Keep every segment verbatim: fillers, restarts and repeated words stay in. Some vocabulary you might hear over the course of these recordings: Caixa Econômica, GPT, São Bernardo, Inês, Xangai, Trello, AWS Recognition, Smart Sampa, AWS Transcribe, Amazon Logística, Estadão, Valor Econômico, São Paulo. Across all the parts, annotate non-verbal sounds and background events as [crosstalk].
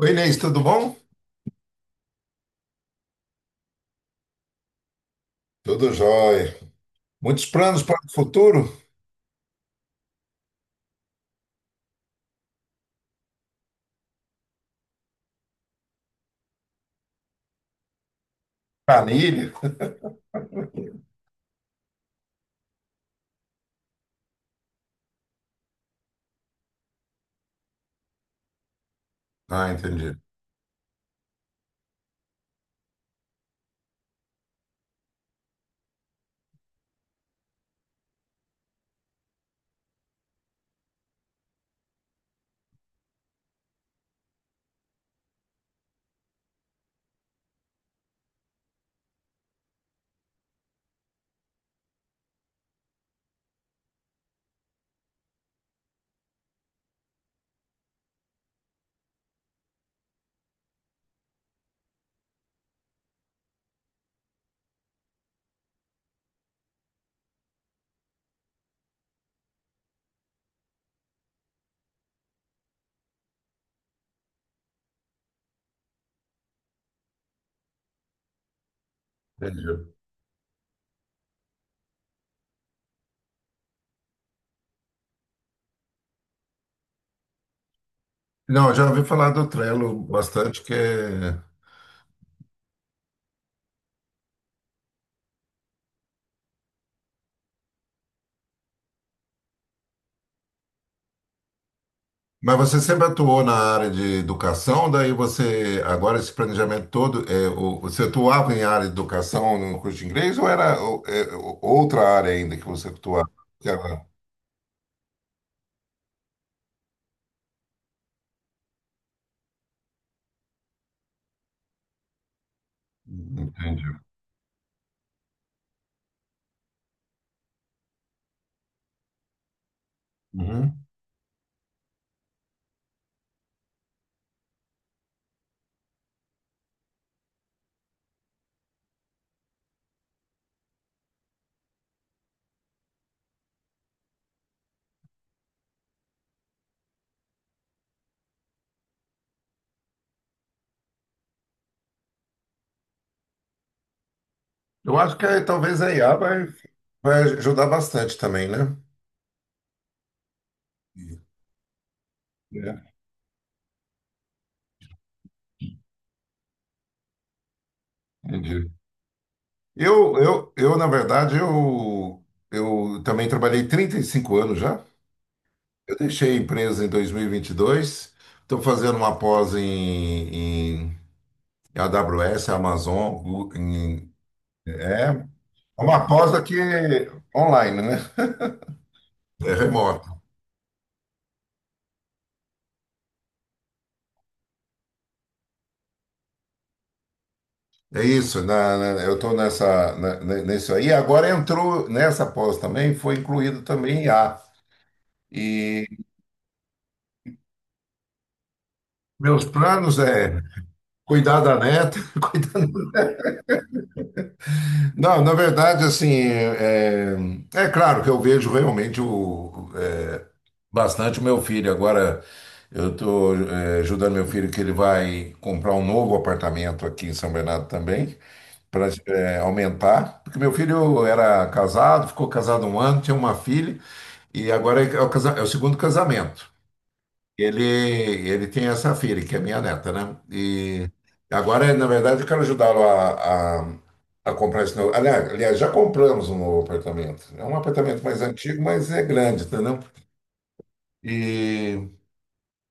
Oi, Inês, tudo bom? Tudo jóia. Muitos planos para o futuro? Planilha? Ah, entendi. Entendi. Não, eu já ouvi falar do Trello bastante, que é... Mas você sempre atuou na área de educação, daí você, agora esse planejamento todo, é, o- você atuava em área de educação no curso de inglês ou era o- é, o- outra área ainda que você atuava? Aquela- Entendi. Uhum. Eu acho que é, talvez a I A vai, vai ajudar bastante também, né? É, Entendi. Eu, eu, eu, na verdade, eu, eu também trabalhei trinta e cinco anos já. Eu deixei a empresa em dois mil e e vinte e dois. Estou fazendo uma pós em, em a AWS, Amazon. Gu- em- é é uma pós aqui online, né? É remoto. É isso. na- na- eu estou nessa, na, ne- nisso aí. Agora entrou nessa pós também, foi incluído também I a. E meus planos é cuidar da neta, [laughs] cuidar Não, na verdade, assim, é, é é claro que eu vejo realmente o, é, bastante o meu filho. Agora eu estou ajudando meu filho que ele vai comprar um novo apartamento aqui em São Bernardo também, para aumentar. Porque meu filho era casado, ficou casado um ano, tinha uma filha, e agora é é o casa- é o segundo casamento. Ele, ele tem essa filha, que é minha neta, né? E agora, na verdade, eu quero ajudá-lo a, a, a comprar esse novo. Aliás, aliás, já compramos um novo apartamento. É um apartamento mais antigo, mas é grande, entendeu? E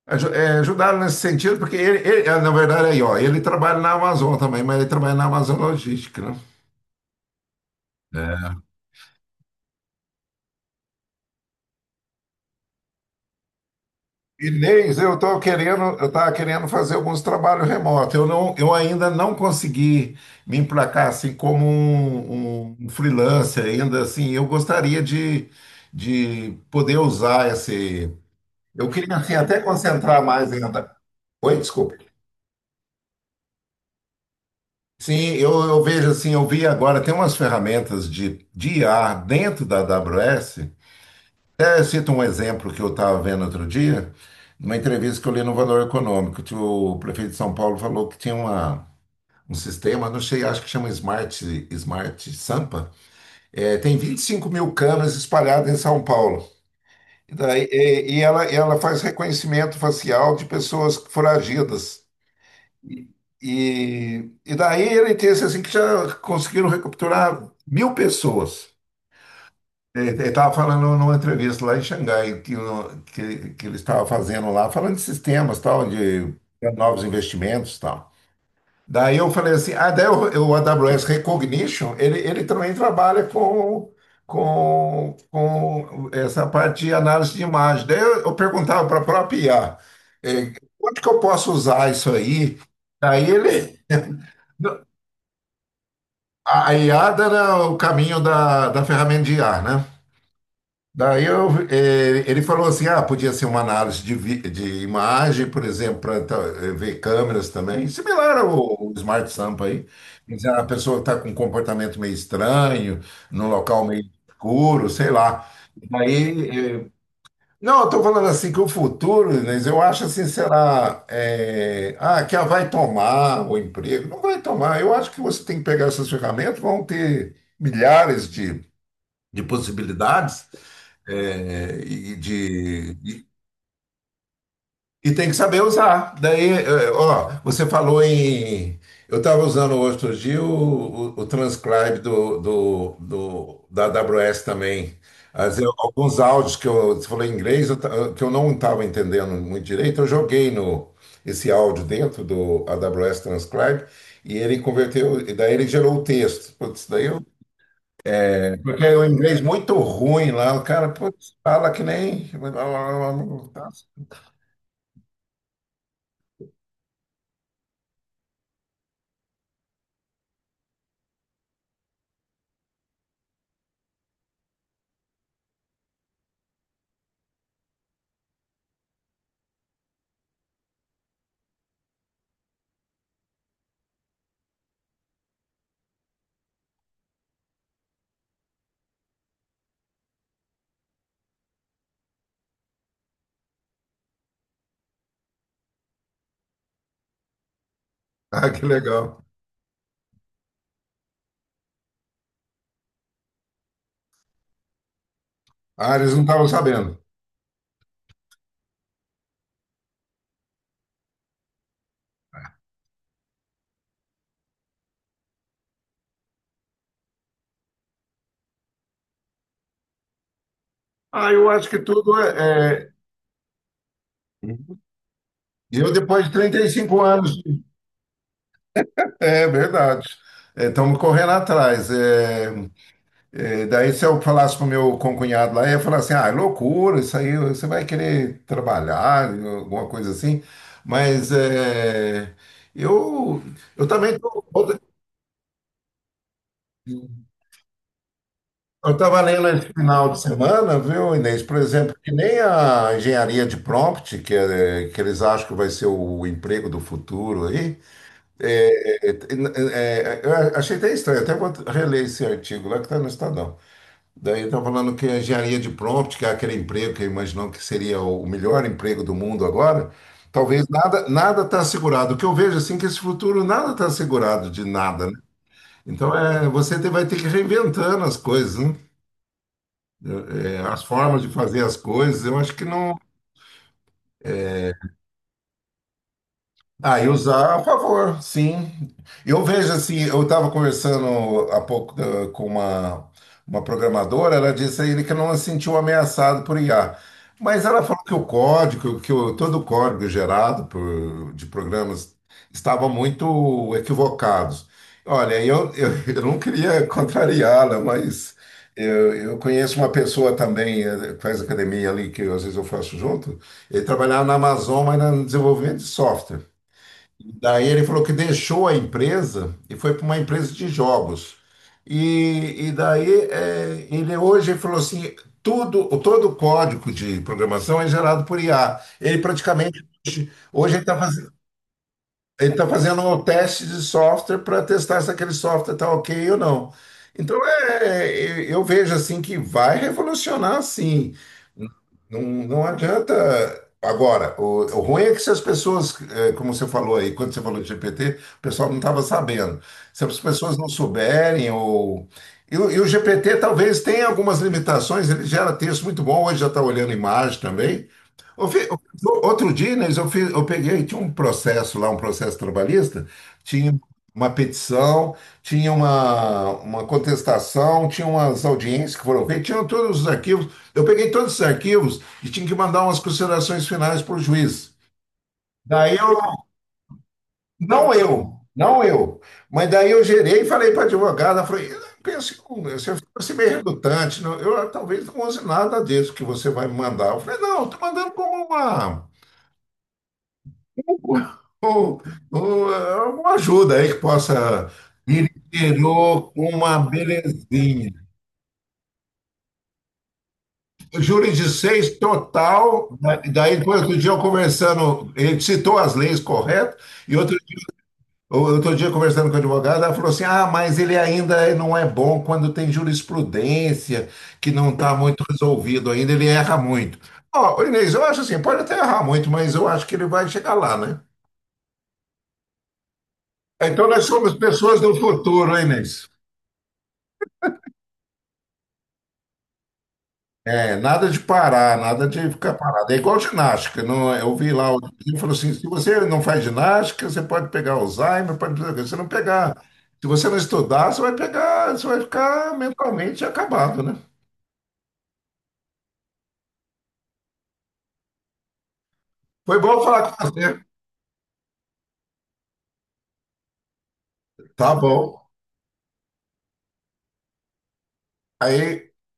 aju- é, ajudá-lo nesse sentido, porque ele, ele- ah, na verdade, aí, ó, ele trabalha na Amazon também, mas ele trabalha na Amazon Logística, né? É. Inês, eu estou querendo, eu estava querendo fazer alguns trabalhos remotos. Eu não, eu ainda não consegui me emplacar assim como um, um um freelancer ainda assim. Eu gostaria de, de poder usar esse. Eu queria assim até concentrar mais ainda. Oi, desculpe. Sim, eu, eu vejo assim, eu vi agora tem umas ferramentas de, de I A dentro da A W S. Até cito um exemplo que eu estava vendo outro dia, numa entrevista que eu li no Valor Econômico, que o prefeito de São Paulo falou que tinha uma, um sistema, não sei, acho que chama Smart, Smart Sampa, é, tem vinte e cinco mil câmeras espalhadas em São Paulo. E daí, e, e ela, ela faz reconhecimento facial de pessoas foragidas. E, e daí ele disse assim que já conseguiram recapturar mil pessoas. Ele estava falando numa entrevista lá em Xangai, que, no- que, que ele estava fazendo lá, falando de sistemas, tal, de novos investimentos, tal. Daí eu falei assim, ah, daí o, o A W S Recognition, ele, ele também trabalha com, com, com essa parte de análise de imagem. Daí eu, eu perguntava para a própria I A, eh, onde que eu posso usar isso aí? Daí ele, a I a I A era o caminho da, da ferramenta de I A, né? Daí eu, eh, ele falou assim, ah, podia ser uma análise de, vi- de imagem, por exemplo, para ver câmeras também, similar ao, ao Smart Sampa aí. Quer dizer, a pessoa está com um comportamento meio estranho, num local meio escuro, sei lá. Daí, eh, não, eu estou falando assim que o futuro, Inês, eu acho assim, será, eh, ah, que a vai tomar o emprego. Não vai tomar, eu acho que você tem que pegar essas ferramentas, vão ter milhares de, de possibilidades. É, e, de, e, e tem que saber usar. Daí, é, ó, você falou em. Eu estava usando outro dia o, o, o transcribe do, do, do- da A W S também. As- eu- alguns áudios que eu, você falou em inglês, eu ta- que eu não estava entendendo muito direito, eu joguei no, esse áudio dentro do A W S Transcribe e ele converteu, e daí ele gerou o texto. Putz, daí eu porque é um inglês muito ruim lá, o cara, putz, fala que nem. [laughs] Ah, que legal. Ah, eles não estavam sabendo. Ah, eu acho que tudo é. é- Eu, depois de trinta e cinco anos É verdade. Estamos correndo atrás. É, é, daí, se eu falasse para o meu concunhado lá, ele ia falar assim: ah, é loucura, isso aí você vai querer trabalhar, alguma coisa assim. Mas é, eu, eu também tô, eu estava lendo esse final de semana, viu, Inês? Por exemplo, que nem a engenharia de prompt, que, é, que eles acham que vai ser o emprego do futuro aí. É, é, é, é, é, eu achei até estranho, até vou reler esse artigo lá que está no Estadão. Daí está falando que a engenharia de prompt, que é aquele emprego que imaginou que seria o melhor emprego do mundo agora, talvez nada nada está assegurado. O que eu vejo assim é que esse futuro nada está assegurado de nada, né? Então é, você te- vai ter que ir reinventando as coisas, né? É, as formas de fazer as coisas. Eu acho que não. Ah, e usar a favor, sim. Eu vejo assim, eu estava conversando há pouco eh, com uma, uma programadora, ela disse a ele que não se sentiu ameaçado por I A. Mas ela falou que o código, que o, todo o código gerado por, de programas estava muito equivocado. Olha, eu, eu, [laughs] eu não queria contrariá-la, mas eu, eu conheço uma pessoa também, eh, que faz academia ali, que às vezes eu faço junto, ele trabalhava na Amazon, mas no desenvolvimento de software. Daí ele falou que deixou a empresa e foi para uma empresa de jogos. E, e daí eh, ele hoje falou assim, tudo, o- todo o código de programação é gerado por I A. Ele praticamente hoje, hoje ele está fazendo, ele tá fazendo um teste de software para testar se aquele software está ok ou não. Então é, eu eu vejo assim que vai revolucionar sim. Não, não adianta. Agora, o, o ruim é que se as pessoas, eh, como você falou aí, quando você falou de G P T, o pessoal não estava sabendo. Se as pessoas não souberem, ou. E, o e o G P T talvez tenha algumas limitações, ele gera texto muito bom, hoje já está olhando imagem também. Eu fi- eu- outro dia, Inês, eu, fiz, eu peguei, tinha um processo lá, um processo trabalhista, tinha uma petição, tinha uma, uma contestação, tinha umas audiências que foram feitas, tinham todos os arquivos. Eu peguei todos os arquivos e tinha que mandar umas considerações finais para o juiz. Daí eu, não eu, não eu, mas daí eu gerei e falei para a advogada, falei, pense, um, você fosse meio redutante, não, eu ah, talvez não use nada disso que você vai me mandar. Eu falei, não, estou mandando como uma, um- um- um, uma ajuda aí que possa me tirou uma belezinha. Júri de seis total, da- daí depois outro dia eu conversando, ele citou as leis corretas, e outro O- Outro dia, conversando com a advogada, ela falou assim: ah, mas ele ainda não é bom quando tem jurisprudência, que não está muito resolvido ainda, ele erra muito. Ó, Inês, eu acho assim: pode até errar muito, mas eu acho que ele vai chegar lá, né? Então nós somos pessoas do futuro, hein, Inês? É, nada de parar, nada de ficar parado. É igual ginástica. Não, é? Eu vi lá, ele falou assim: se você não faz ginástica, você pode pegar Alzheimer, pode pegar. Se você não pegar, se você não estudar, você vai pegar, você vai ficar mentalmente acabado, né? Foi bom falar com você. Tá bom. Aí